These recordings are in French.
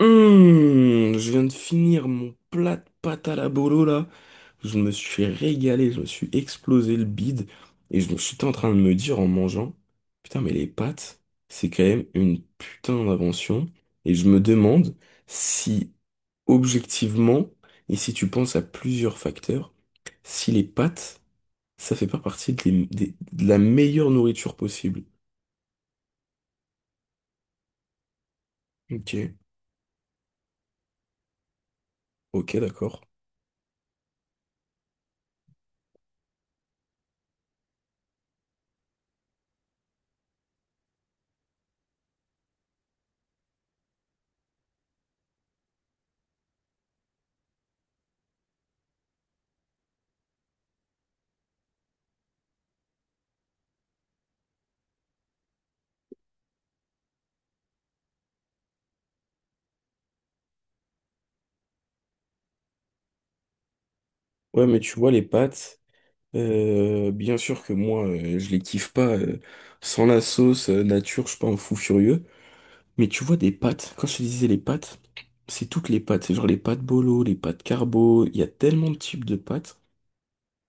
Je viens de finir mon plat de pâte à la bolo là. Je me suis régalé, je me suis explosé le bide. Et je me suis en train de me dire en mangeant, putain mais les pâtes, c'est quand même une putain d'invention. Et je me demande si objectivement, et si tu penses à plusieurs facteurs, si les pâtes, ça fait pas partie de, de la meilleure nourriture possible. Ok. Ok, d'accord. Ouais, mais tu vois, les pâtes. Bien sûr que moi, je les kiffe pas sans la sauce nature, je suis pas un fou furieux. Mais tu vois des pâtes. Quand je te disais les pâtes, c'est toutes les pâtes. C'est genre les pâtes bolo, les pâtes carbo. Il y a tellement de types de pâtes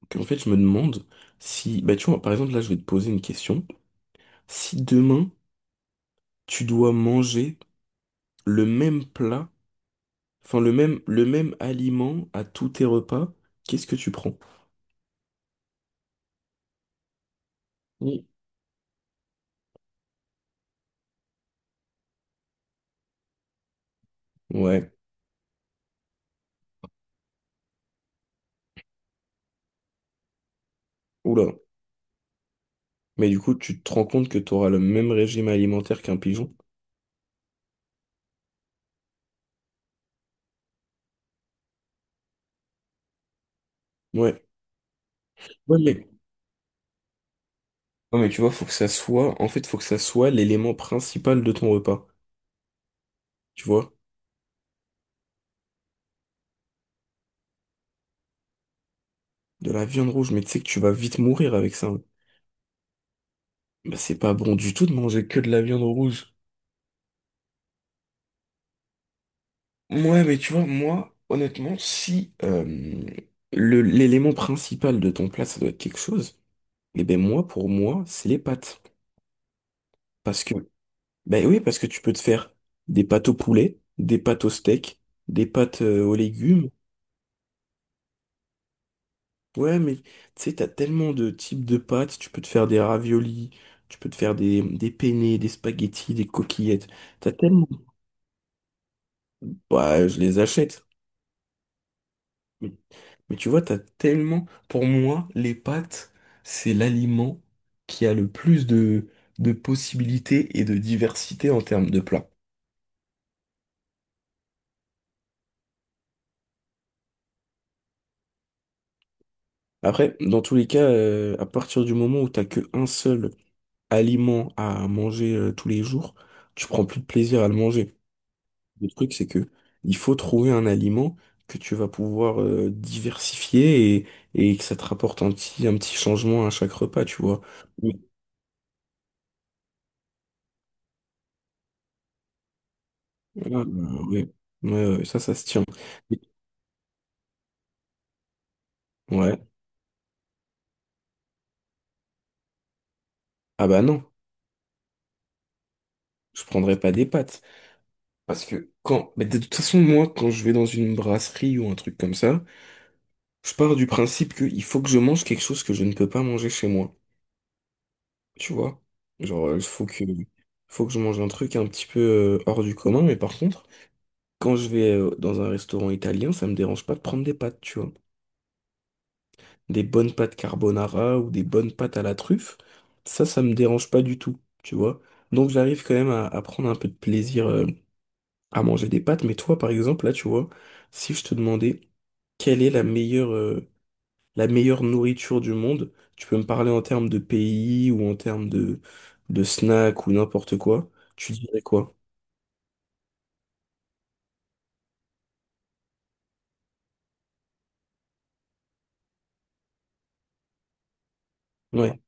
qu'en fait, je me demande si, bah tu vois, par exemple là, je vais te poser une question. Si demain tu dois manger le même plat, enfin le même aliment à tous tes repas, qu'est-ce que tu prends? Oui. Ouais. Oula. Mais du coup, tu te rends compte que tu auras le même régime alimentaire qu'un pigeon? Ouais. Ouais, mais ouais, mais tu vois, faut que ça soit En fait, faut que ça soit l'élément principal de ton repas. Tu vois? De la viande rouge, mais tu sais que tu vas vite mourir avec ça, hein. Bah, c'est pas bon du tout de manger que de la viande rouge. Ouais, mais tu vois, moi, honnêtement, si le, l'élément principal de ton plat, ça doit être quelque chose, eh ben moi, pour moi, c'est les pâtes. Parce que ben oui, parce que tu peux te faire des pâtes au poulet, des pâtes au steak, des pâtes aux légumes. Ouais, mais tu sais, t'as tellement de types de pâtes. Tu peux te faire des raviolis, tu peux te faire des penne, des spaghettis, des coquillettes. T'as tellement bah je les achète. Mais, mais tu vois, t'as tellement Pour moi, les pâtes, c'est l'aliment qui a le plus de possibilités et de diversité en termes de plats. Après, dans tous les cas, à partir du moment où t'as que un seul aliment à manger tous les jours, tu prends plus de plaisir à le manger. Le truc, c'est que il faut trouver un aliment que tu vas pouvoir diversifier et que ça te rapporte un petit changement à chaque repas, tu vois. Mais- ah, ouais. Ouais, ouais, ouais, ça se tient. Ouais. Ah bah non, je prendrais pas des pâtes. Parce que quand. Mais de toute façon, moi, quand je vais dans une brasserie ou un truc comme ça, je pars du principe qu'il faut que je mange quelque chose que je ne peux pas manger chez moi. Tu vois? Genre, il faut que je mange un truc un petit peu hors du commun, mais par contre, quand je vais dans un restaurant italien, ça me dérange pas de prendre des pâtes, tu vois. Des bonnes pâtes carbonara ou des bonnes pâtes à la truffe, ça me dérange pas du tout, tu vois. Donc, j'arrive quand même à prendre un peu de plaisir à manger des pâtes, mais toi, par exemple, là, tu vois, si je te demandais quelle est la meilleure nourriture du monde. Tu peux me parler en termes de pays ou en termes de snacks ou n'importe quoi. Tu dirais quoi? Ouais.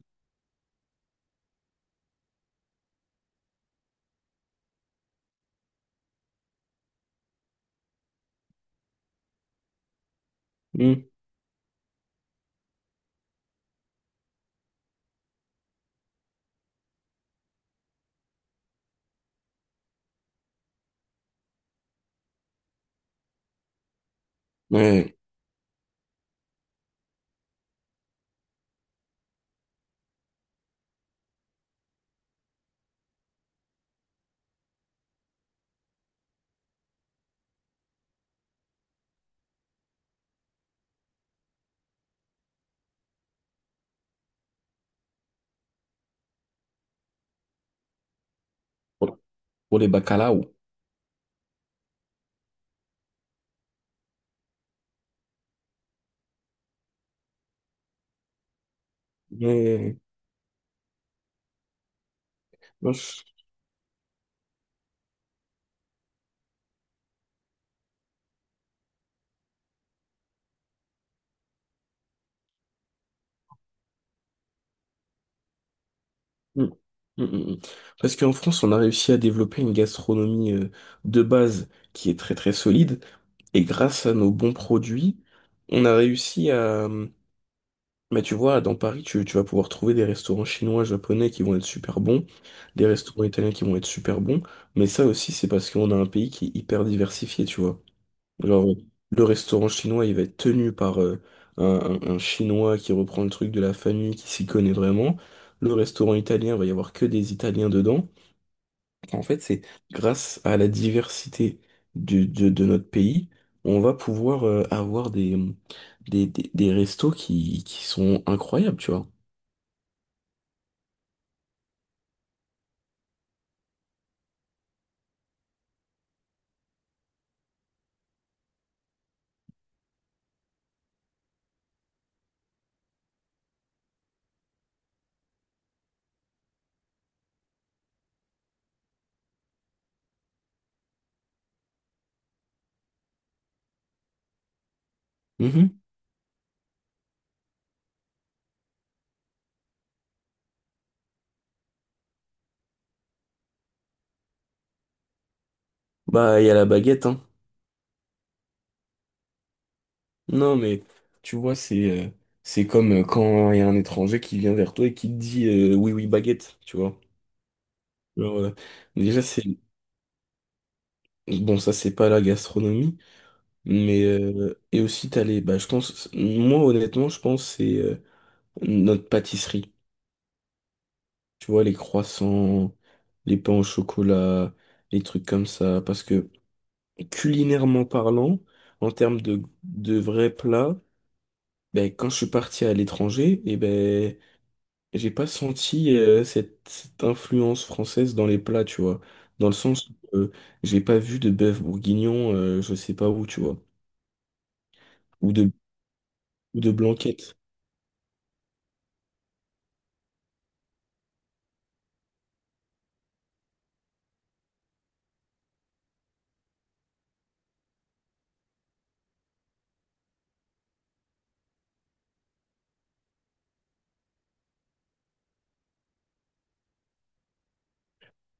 Hmm. Ouais. Pour, pour les bacalao. Ouais. Non, je- hmm. Hmm, hmm, hmm. Parce qu'en France, on a réussi à développer une gastronomie de base qui est très très solide. Et grâce à nos bons produits, on a réussi à, mais tu vois, dans Paris, tu vas pouvoir trouver des restaurants chinois, japonais qui vont être super bons, des restaurants italiens qui vont être super bons, mais ça aussi, c'est parce qu'on a un pays qui est hyper diversifié, tu vois. Genre, le restaurant chinois, il va être tenu par un chinois qui reprend le truc de la famille, qui s'y connaît vraiment. Le restaurant italien, il va y avoir que des Italiens dedans. Enfin, en fait, c'est grâce à la diversité de notre pays, on va pouvoir avoir des, des restos qui sont incroyables, tu vois. Mhm. Bah, il y a la baguette, hein. Non, mais tu vois, c'est comme quand il y a un étranger qui vient vers toi et qui te dit oui, oui, baguette, tu vois. Genre, déjà, c'est. Bon, ça, c'est pas la gastronomie, mais et aussi, t'as les. Bah, je pense. Moi, honnêtement, je pense que c'est notre pâtisserie. Tu vois, les croissants, les pains au chocolat, les trucs comme ça. Parce que culinairement parlant, en termes de vrais plats, ben, quand je suis parti à l'étranger, et ben, j'ai pas senti cette influence française dans les plats, tu vois. Dans le sens où j'ai pas vu de bœuf bourguignon, je sais pas où, tu vois. Ou de, ou de blanquette.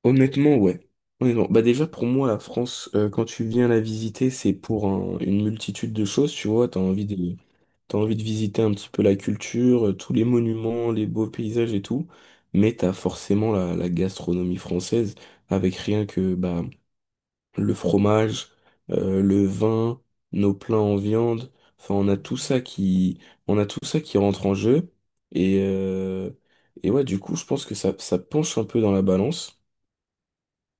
Honnêtement, ouais. Honnêtement. Bah déjà, pour moi, la France, quand tu viens la visiter, c'est pour une multitude de choses, tu vois. T'as envie de visiter un petit peu la culture, tous les monuments, les beaux paysages et tout. Mais t'as forcément la, la gastronomie française avec rien que, bah, le fromage, le vin, nos plats en viande. Enfin, on a tout ça qui, on a tout ça qui rentre en jeu. Et, euh, et ouais, du coup, je pense que ça penche un peu dans la balance.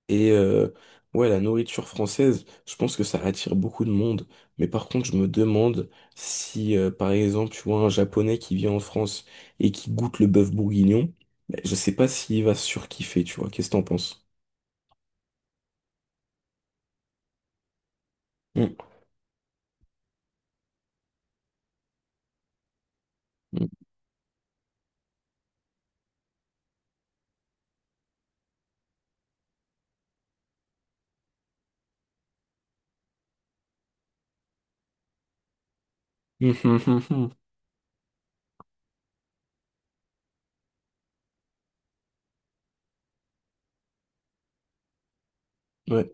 Et ouais, la nourriture française, je pense que ça attire beaucoup de monde. Mais par contre, je me demande si, par exemple, tu vois un Japonais qui vient en France et qui goûte le bœuf bourguignon, ben, je sais pas s'il va surkiffer, tu vois. Qu'est-ce que t'en penses? Mm. Mm. Ouais.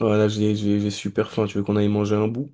Voilà, j'ai super faim. Tu veux qu'on aille manger un bout?